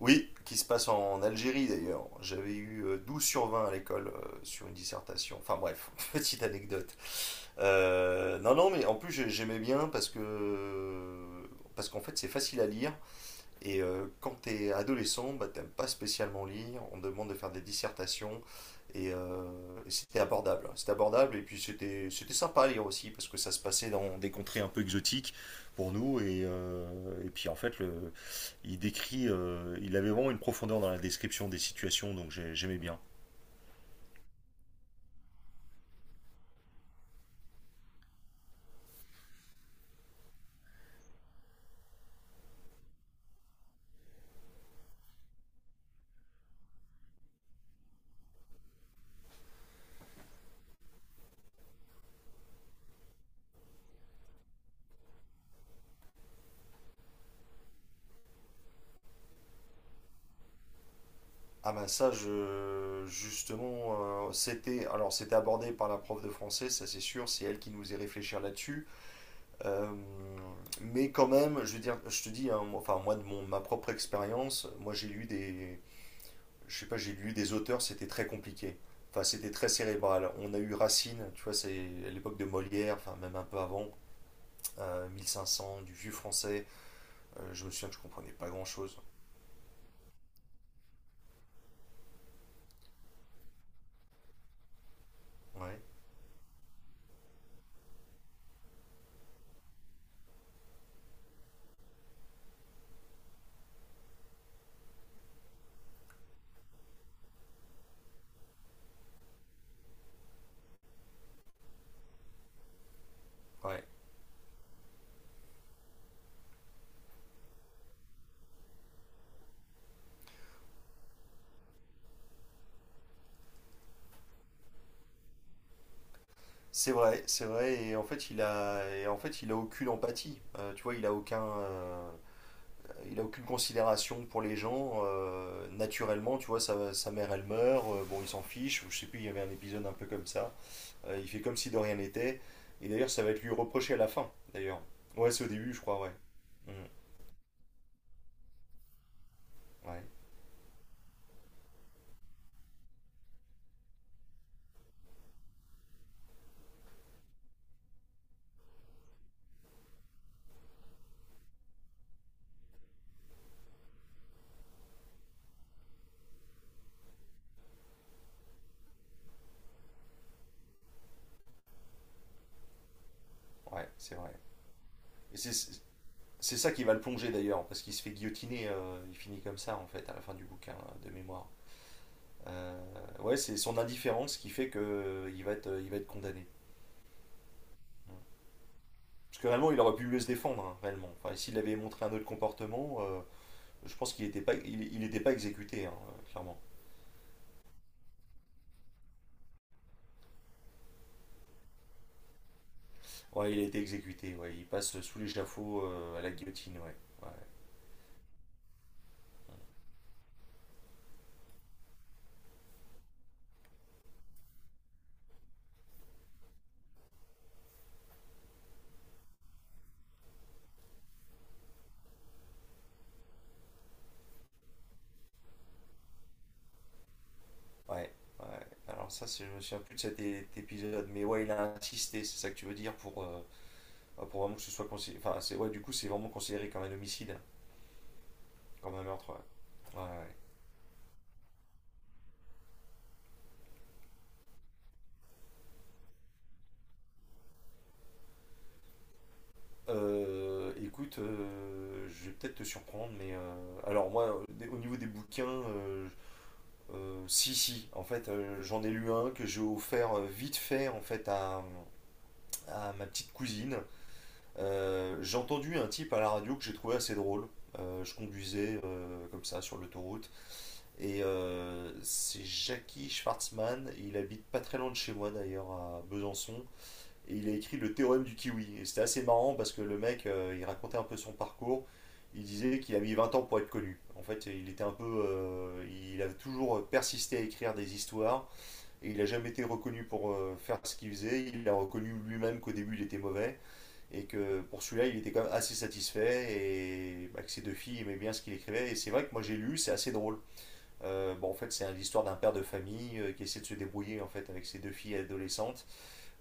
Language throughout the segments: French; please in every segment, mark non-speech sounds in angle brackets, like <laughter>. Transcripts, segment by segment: Oui, qui se passe en Algérie d'ailleurs. J'avais eu 12 sur 20 à l'école, sur une dissertation. Enfin bref, <laughs> petite anecdote. Non, non, mais en plus j'aimais bien parce que parce qu'en fait c'est facile à lire. Et quand tu es adolescent, bah, t'aimes pas spécialement lire, on te demande de faire des dissertations, et, euh, et c'était abordable, hein. C'était abordable, et puis c'était sympa à lire aussi, parce que ça se passait dans des contrées un peu exotiques pour nous, et puis en fait, il décrit, il avait vraiment une profondeur dans la description des situations, donc j'aimais bien. Ah ben ça, justement, c'était c'était abordé par la prof de français, ça c'est sûr, c'est elle qui nous faisait réfléchir là-dessus. Euh, mais quand même, je veux dire, je te dis, hein, enfin moi de ma propre expérience, moi je sais pas, j'ai lu des auteurs, c'était très compliqué. Enfin, c'était très cérébral. On a eu Racine, tu vois, c'est à l'époque de Molière, enfin même un peu avant, 1500, du vieux français. Je me souviens que je comprenais pas grand-chose. Ouais, ouais. C'est vrai, c'est vrai. Et en fait, et en fait, il a aucune empathie. Tu vois, il a aucun. Il a aucune considération pour les gens, naturellement, tu vois, sa mère, elle meurt, bon, il s'en fiche. Je sais plus, il y avait un épisode un peu comme ça. Il fait comme si de rien n'était. Et d'ailleurs, ça va être lui reproché à la fin, d'ailleurs. Ouais, c'est au début, je crois, ouais. Mm, ouais, ouais, c'est vrai. Et c'est c'est ça qui va le plonger, d'ailleurs, parce qu'il se fait guillotiner, il finit comme ça, en fait, à la fin du bouquin, de mémoire. Euh, ouais, c'est son indifférence qui fait que il va être condamné. Mm. Parce que réellement, il aurait pu mieux se défendre, hein, réellement. Enfin, s'il avait montré un autre comportement, je pense qu'il était pas exécuté, hein, clairement. Ouais, il a été exécuté, ouais. Il passe sous l'échafaud, à la guillotine, ouais. Ouais, ouais, ouais. Alors ça, je me souviens plus de cet épisode, mais ouais, il a insisté, c'est ça que tu veux dire, pour vraiment que ce soit considéré… Enfin, c'est, ouais, du coup, c'est vraiment considéré comme un homicide, comme un meurtre, ouais. Ouais, ouais. Écoute, je vais peut-être te surprendre, mais alors moi, au niveau des bouquins, si, si, en fait, j'en ai lu un que j'ai offert vite fait en fait à ma petite cousine. J'ai entendu un type à la radio que j'ai trouvé assez drôle. Je conduisais comme ça sur l'autoroute et c'est Jackie Schwartzmann. Il habite pas très loin de chez moi d'ailleurs, à Besançon. Et il a écrit Le théorème du kiwi. Et c'était assez marrant parce que le mec, il racontait un peu son parcours. Il disait qu'il a mis 20 ans pour être connu. En fait, il était un peu, il a toujours persisté à écrire des histoires. Et il n'a jamais été reconnu pour faire ce qu'il faisait. Il a reconnu lui-même qu'au début il était mauvais et que pour celui-là il était quand même assez satisfait, et bah, que ses deux filles aimaient bien ce qu'il écrivait. Et c'est vrai que moi j'ai lu, c'est assez drôle. Bon, en fait, c'est l'histoire d'un père de famille qui essaie de se débrouiller en fait avec ses deux filles adolescentes,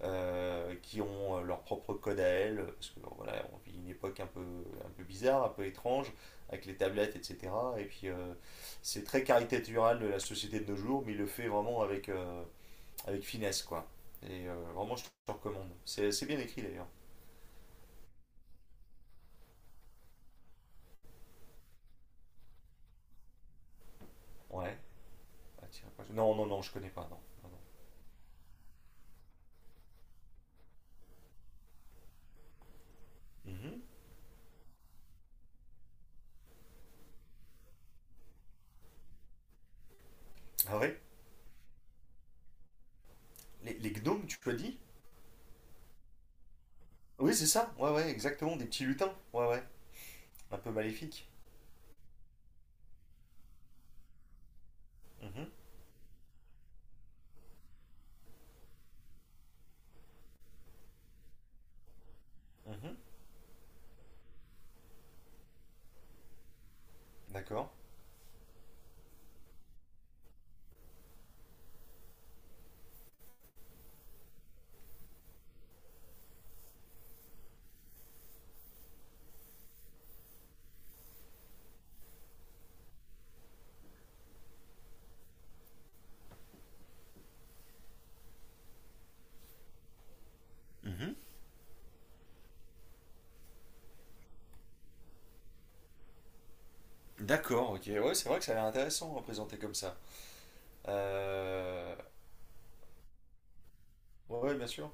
qui ont leur propre code à elles parce que bon, voilà, on vit une époque un peu bizarre, un peu étrange avec les tablettes, etc. Et puis c'est très caricatural de la société de nos jours, mais il le fait vraiment avec avec finesse, quoi. Et vraiment, je te recommande. C'est bien écrit d'ailleurs. Ouais. Ah, tiens, non, non, non, je connais pas, non, non, non. Mhm. Ah ouais? Les gnomes, tu as dit? Oui, c'est ça. Ouais, ouais, exactement. Des petits lutins. Ouais, ouais. Un peu maléfiques. Mhm, mhm. D'accord. Mhm. D'accord, ok. Ouais, c'est vrai que ça a l'air intéressant à présenter comme ça. Euh, Ouais, ouais, bien sûr.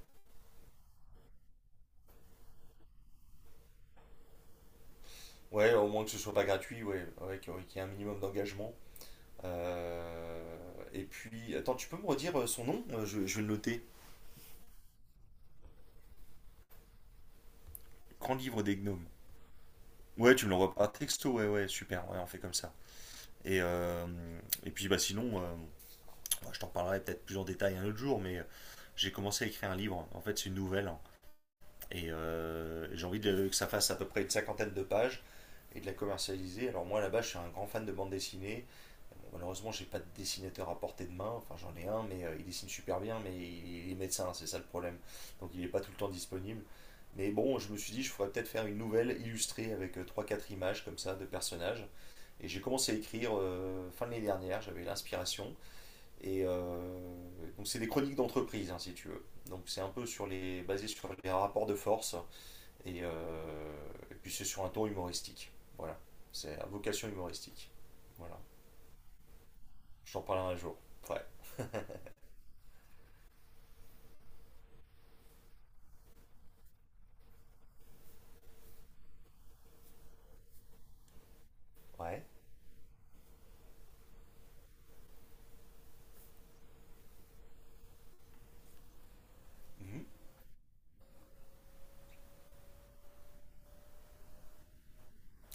Ouais, au moins que ce soit pas gratuit, ouais. Ouais, qu'il y ait un minimum d'engagement. Et puis, attends, tu peux me redire son nom? Je vais le noter. Grand livre des gnomes. Ouais, tu me l'envoies par texto, ouais, ouais, super, ouais, on fait comme ça. Et, euh, et puis bah sinon, bah, je t'en parlerai peut-être plus en détail un autre jour, mais j'ai commencé à écrire un livre, en fait c'est une nouvelle, hein. Et que ça fasse à peu près une cinquantaine de pages et de la commercialiser. Alors moi là-bas, je suis un grand fan de bande dessinée. Malheureusement, j'ai pas de dessinateur à portée de main. Enfin, j'en ai un, mais il dessine super bien, mais il est médecin, c'est ça le problème. Donc, il n'est pas tout le temps disponible. Mais bon, je me suis dit, je pourrais peut-être faire une nouvelle illustrée avec trois, quatre images comme ça de personnages. Et j'ai commencé à écrire fin de l'année dernière, j'avais l'inspiration. Et euh, donc c'est des chroniques d'entreprise, hein, si tu veux. Donc c'est un peu sur basé sur les rapports de force. Et, euh, et puis c'est sur un ton humoristique. Voilà, c'est à vocation humoristique. Voilà, je t'en parlerai un jour. Ouais. Ouais. Mhm.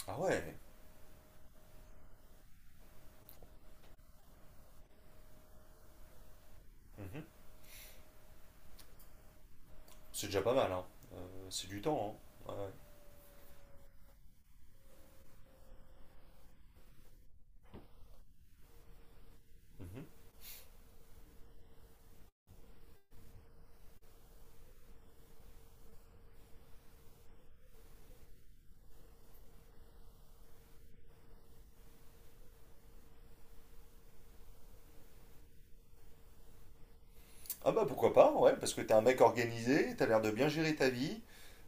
Ah ouais. Mhm. C'est déjà pas mal, hein. C'est du temps, hein. Ouais, ouais. Mhm. Ah bah pourquoi pas, ouais, parce que t'es un mec organisé, t'as l'air de bien gérer ta vie.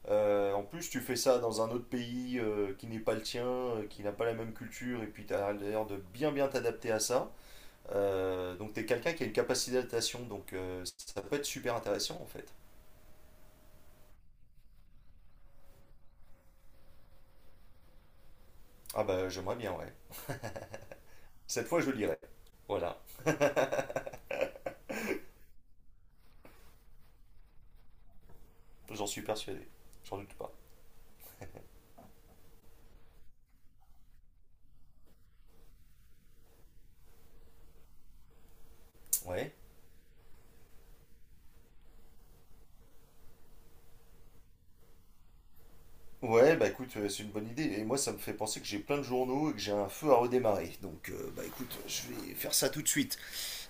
En plus, tu fais ça dans un autre pays, qui n'est pas le tien, qui n'a pas la même culture, et puis t'as l'air de bien t'adapter à ça. Donc t'es quelqu'un qui a une capacité d'adaptation, donc ça peut être super intéressant en fait. Ah bah j'aimerais bien, ouais. Cette fois je lirai, voilà, j'en suis persuadé, j'en doute pas. Ouais. Ouais, bah écoute, c'est une bonne idée. Et moi, ça me fait penser que j'ai plein de journaux et que j'ai un feu à redémarrer. Donc, bah écoute, je vais faire ça tout de suite.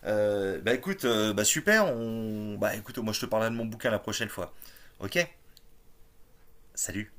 Bah super. Bah écoute, moi je te parlerai de mon bouquin la prochaine fois. Ok? Salut.